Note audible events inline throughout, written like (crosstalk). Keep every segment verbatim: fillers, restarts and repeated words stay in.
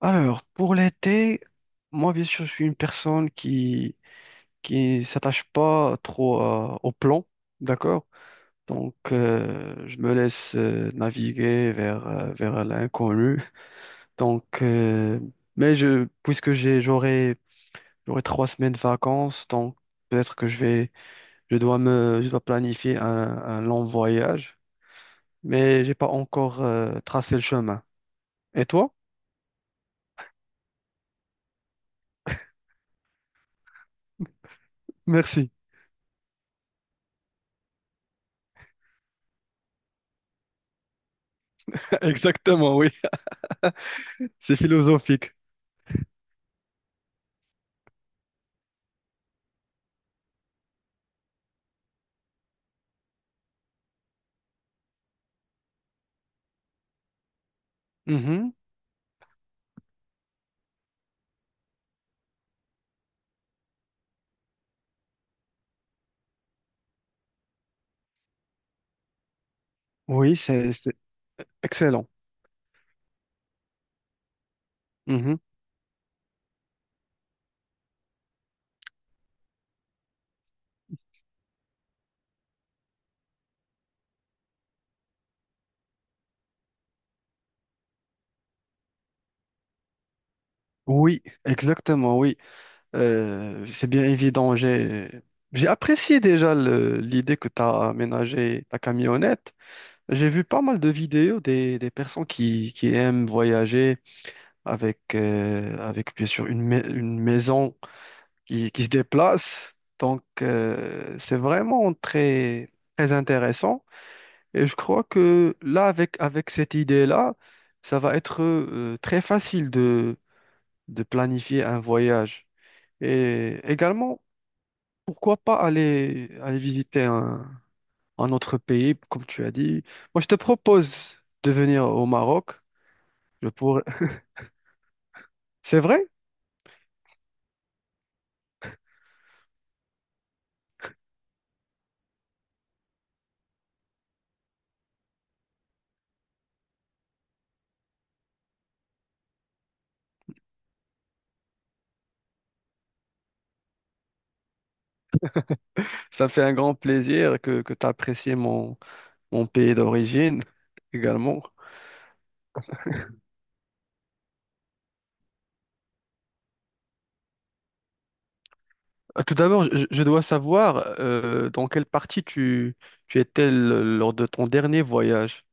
Alors, pour l'été, moi, bien sûr, je suis une personne qui qui s'attache pas trop à- au plan, d'accord? Donc, euh, je me laisse euh, naviguer vers euh, vers l'inconnu. Donc, euh, mais je puisque j'ai j'aurai j'aurai trois semaines de vacances, donc peut-être que je vais je dois me je dois planifier un, un long voyage, mais j'ai pas encore euh, tracé le chemin. Et toi? Merci. (laughs) Exactement, oui. C'est philosophique. Mhm. Oui, c'est c'est excellent. Mhm. Oui, exactement, oui. Euh, c'est bien évident. J'ai j'ai apprécié déjà le- l'idée que tu as aménagé ta camionnette. J'ai vu pas mal de vidéos des, des personnes qui, qui aiment voyager avec, euh, avec bien sûr une, mai- une maison qui, qui se déplacent. Donc, euh, c'est vraiment très, très intéressant. Et je crois que là, avec, avec cette idée-là, ça va être euh, très facile de, de planifier un voyage. Et également, pourquoi pas aller, aller visiter un, un autre pays, comme tu as dit. Moi, je te propose de venir au Maroc. Je pourrais... (laughs) C'est vrai, ça me fait un grand plaisir que, que tu apprécies mon, mon pays d'origine (laughs) également. Ah, tout d'abord, je, je dois savoir euh, dans quelle partie tu, tu étais l- lors de ton dernier voyage.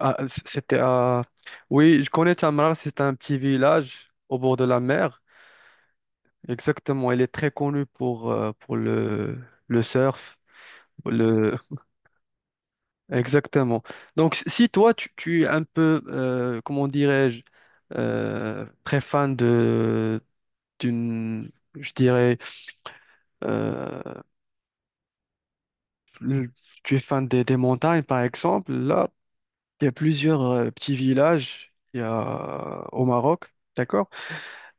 Ah, c- c'était à... Oui, je connais Tamra, c'est un petit village au bord de la mer. Exactement, elle est très connue pour, euh, pour le, le surf. Le... Exactement. Donc, s- si toi, tu, tu es un peu, euh, comment dirais-je, euh, très fan de, d'une, je dirais, euh, le- tu es fan des, des montagnes, par exemple, là, il y a plusieurs euh, petits villages il y a, au Maroc, d'accord?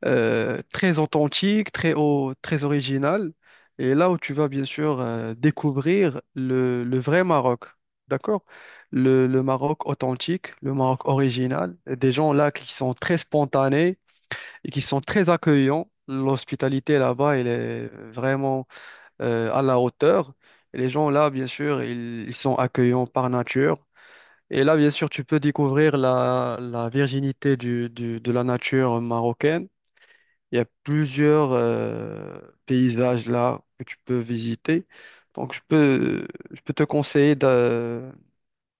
Euh, très authentique, très, au- très original. Et là où tu vas bien sûr euh, découvrir le, le vrai Maroc, d'accord? Le, le Maroc authentique, le Maroc original. Et des gens là qui sont très spontanés et qui sont très accueillants. L'hospitalité là-bas, elle est vraiment euh, à la hauteur. Et les gens là, bien sûr, ils ils sont accueillants par nature. Et là, bien sûr, tu peux découvrir la, la virginité du, du- de la nature marocaine. Il y a plusieurs euh, paysages là que tu peux visiter. Donc, je peux, je peux te conseiller de,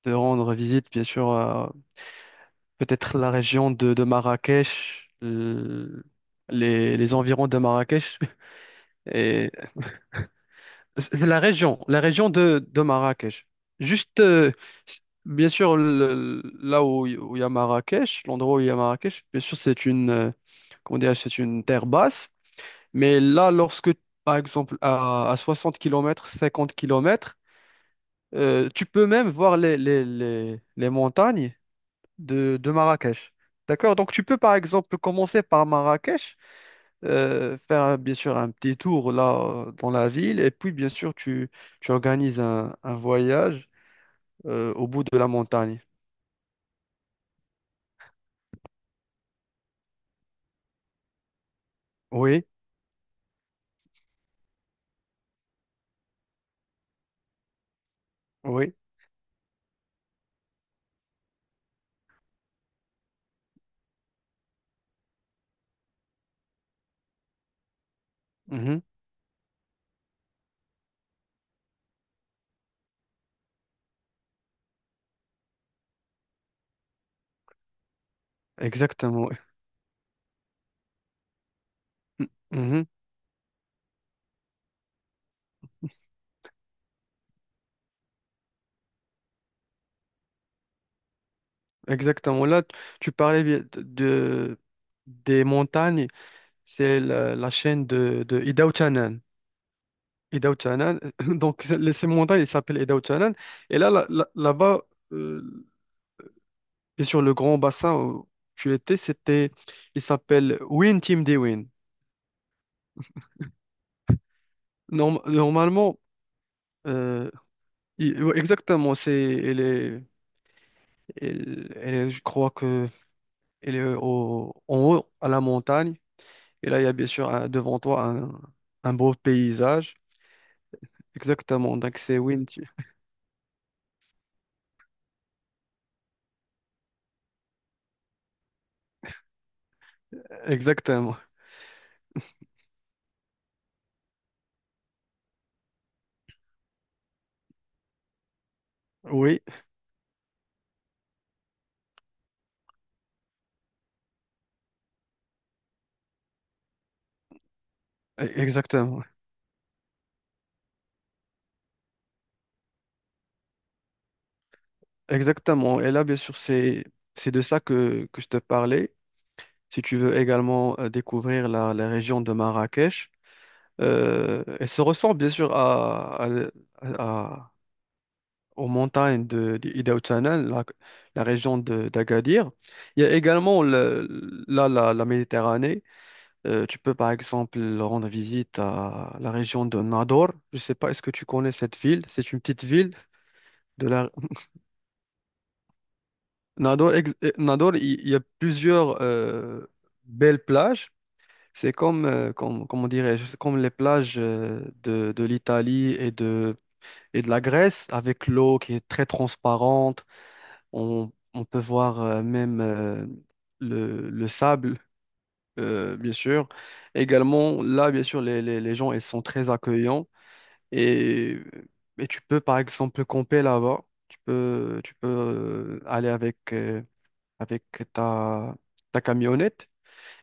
de rendre visite, bien sûr, à peut-être la région de, de Marrakech, l- les, les environs de Marrakech. (laughs) Et c'est la région, la région de, de Marrakech. Juste, euh, c- bien sûr, le- là où il où il y a Marrakech, l'endroit où il y a Marrakech, bien sûr, c'est une, euh, comment dire, c'est une terre basse. Mais là, lorsque, par exemple, à, à soixante kilomètres cinquante kilomètres euh, tu peux même voir les, les, les, les montagnes de, de Marrakech. D'accord? Donc tu peux par exemple commencer par Marrakech, euh, faire euh, bien sûr un petit tour là euh, dans la ville, et puis bien sûr tu, tu organises un, un voyage euh, au bout de la montagne. Oui, oui, mhm, exactement. Oui, mhm, exactement. Là, t- tu parlais bien de, de- des montagnes, c'est la, la chaîne de, de Idao-Chanan. Idao-Chanan, (laughs) donc c'est- les- ces montagnes, elles s'appellent Idao-Chanan, et là, là- là- là-bas, euh, et sur le grand bassin où tu étais, c'était, il s'appelle Win Team Dewin. Norm- normalement, euh, il- ouais, exactement, c'est, elle est, elle- elle est- je crois que elle est au, en haut, à la montagne. Et là, il y a bien sûr un- devant toi un, un beau paysage. Exactement, donc c'est Win Team. Exactement, oui, e- exactement, exactement. Et là, bien sûr, c'est, c'est de ça que, que je te parlais. Si tu veux également euh, découvrir la la région de Marrakech. Euh, elle se ressemble bien sûr à, à, à- aux montagnes de, de Ida Otsana, la, la région de- d'Agadir. Il y a également le- là la, la Méditerranée. Euh, tu peux par exemple rendre visite à la région de Nador. Je ne sais pas, est-ce que tu connais cette ville? C'est une petite ville de la Nador. ex- eh, Nador, il il y a plusieurs euh, belles plages. C'est comme, euh, comme, comment dirais-je, c'est comme les plages euh, de, de l'Italie et de et de la graisse avec l'eau qui est très transparente. On, on peut voir euh, même euh, le, le sable, euh, bien sûr. Également, là, bien sûr, les, les, les gens, ils sont très accueillants. Et, et tu peux, par exemple, camper là-bas. Tu peux, tu peux euh, aller avec, euh, avec ta, ta camionnette.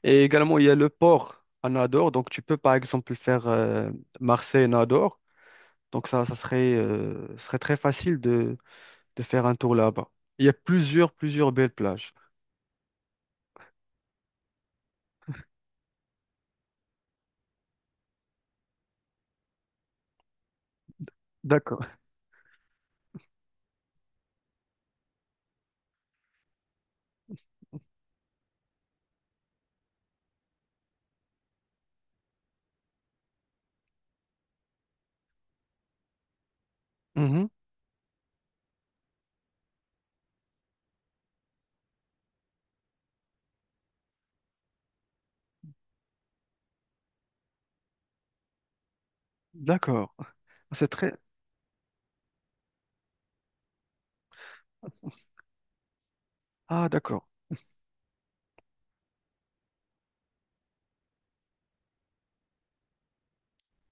Et également, il y a le port à Nador. Donc, tu peux, par exemple, faire euh, Marseille-Nador. Donc, ça, ça serait, euh, serait très facile de de faire un tour là-bas. Il y a plusieurs, plusieurs belles plages. D'accord. Mhm. D'accord. C'est très... Ah, d'accord.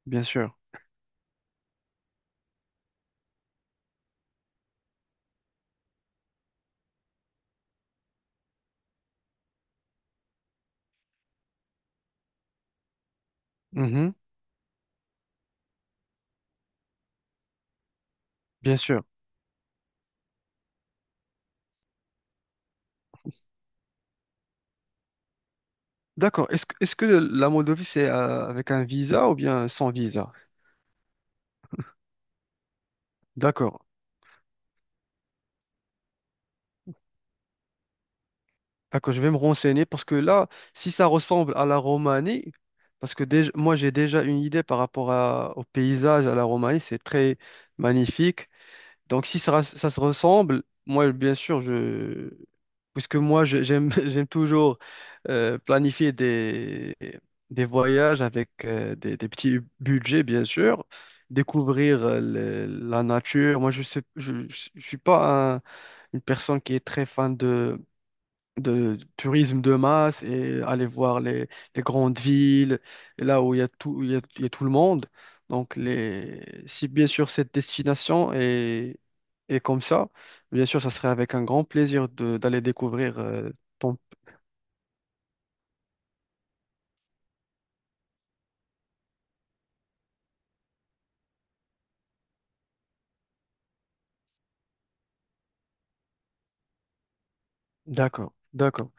Bien sûr. Mhm. Bien sûr. D'accord. Est-ce que, est-ce que la Moldovie, c'est euh, avec un visa ou bien sans visa? D'accord. D'accord, je vais me renseigner parce que là, si ça ressemble à la Roumanie, parce que déjà, moi j'ai déjà une idée par rapport à- au paysage à la Roumanie, c'est très magnifique. Donc si ça, ras- ça se ressemble, moi bien sûr, je... puisque moi je- j'aime (laughs) j'aime toujours euh, planifier des, des voyages avec euh, des, des petits budgets, bien sûr, découvrir euh, le- la nature. Moi je sais, je, je suis pas un- une personne qui est très fan de tourisme de masse et aller voir les, les grandes villes, et là où il y a tout, il y a, il y a tout le monde. Donc, les, si bien sûr cette destination est, est comme ça, bien sûr, ça serait avec un grand plaisir de- d'aller découvrir euh, ton... D'accord, d'accord.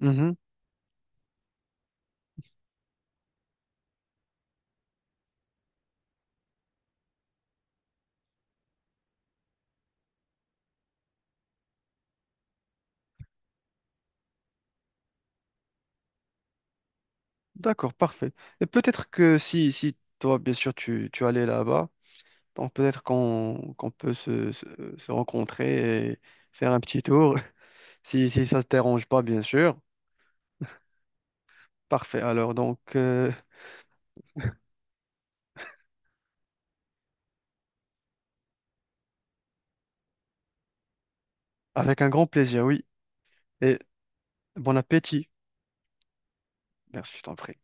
Mhm, d'accord, parfait. Et peut-être que si, si toi, bien sûr, tu, tu allais là-bas, donc peut-être qu'on qu'on peut se, se se rencontrer et faire un petit tour, (laughs) si, si ça ne te dérange pas, bien sûr. Parfait. Alors, donc, euh, avec un grand plaisir, oui. Et bon appétit. Merci, je t'en prie.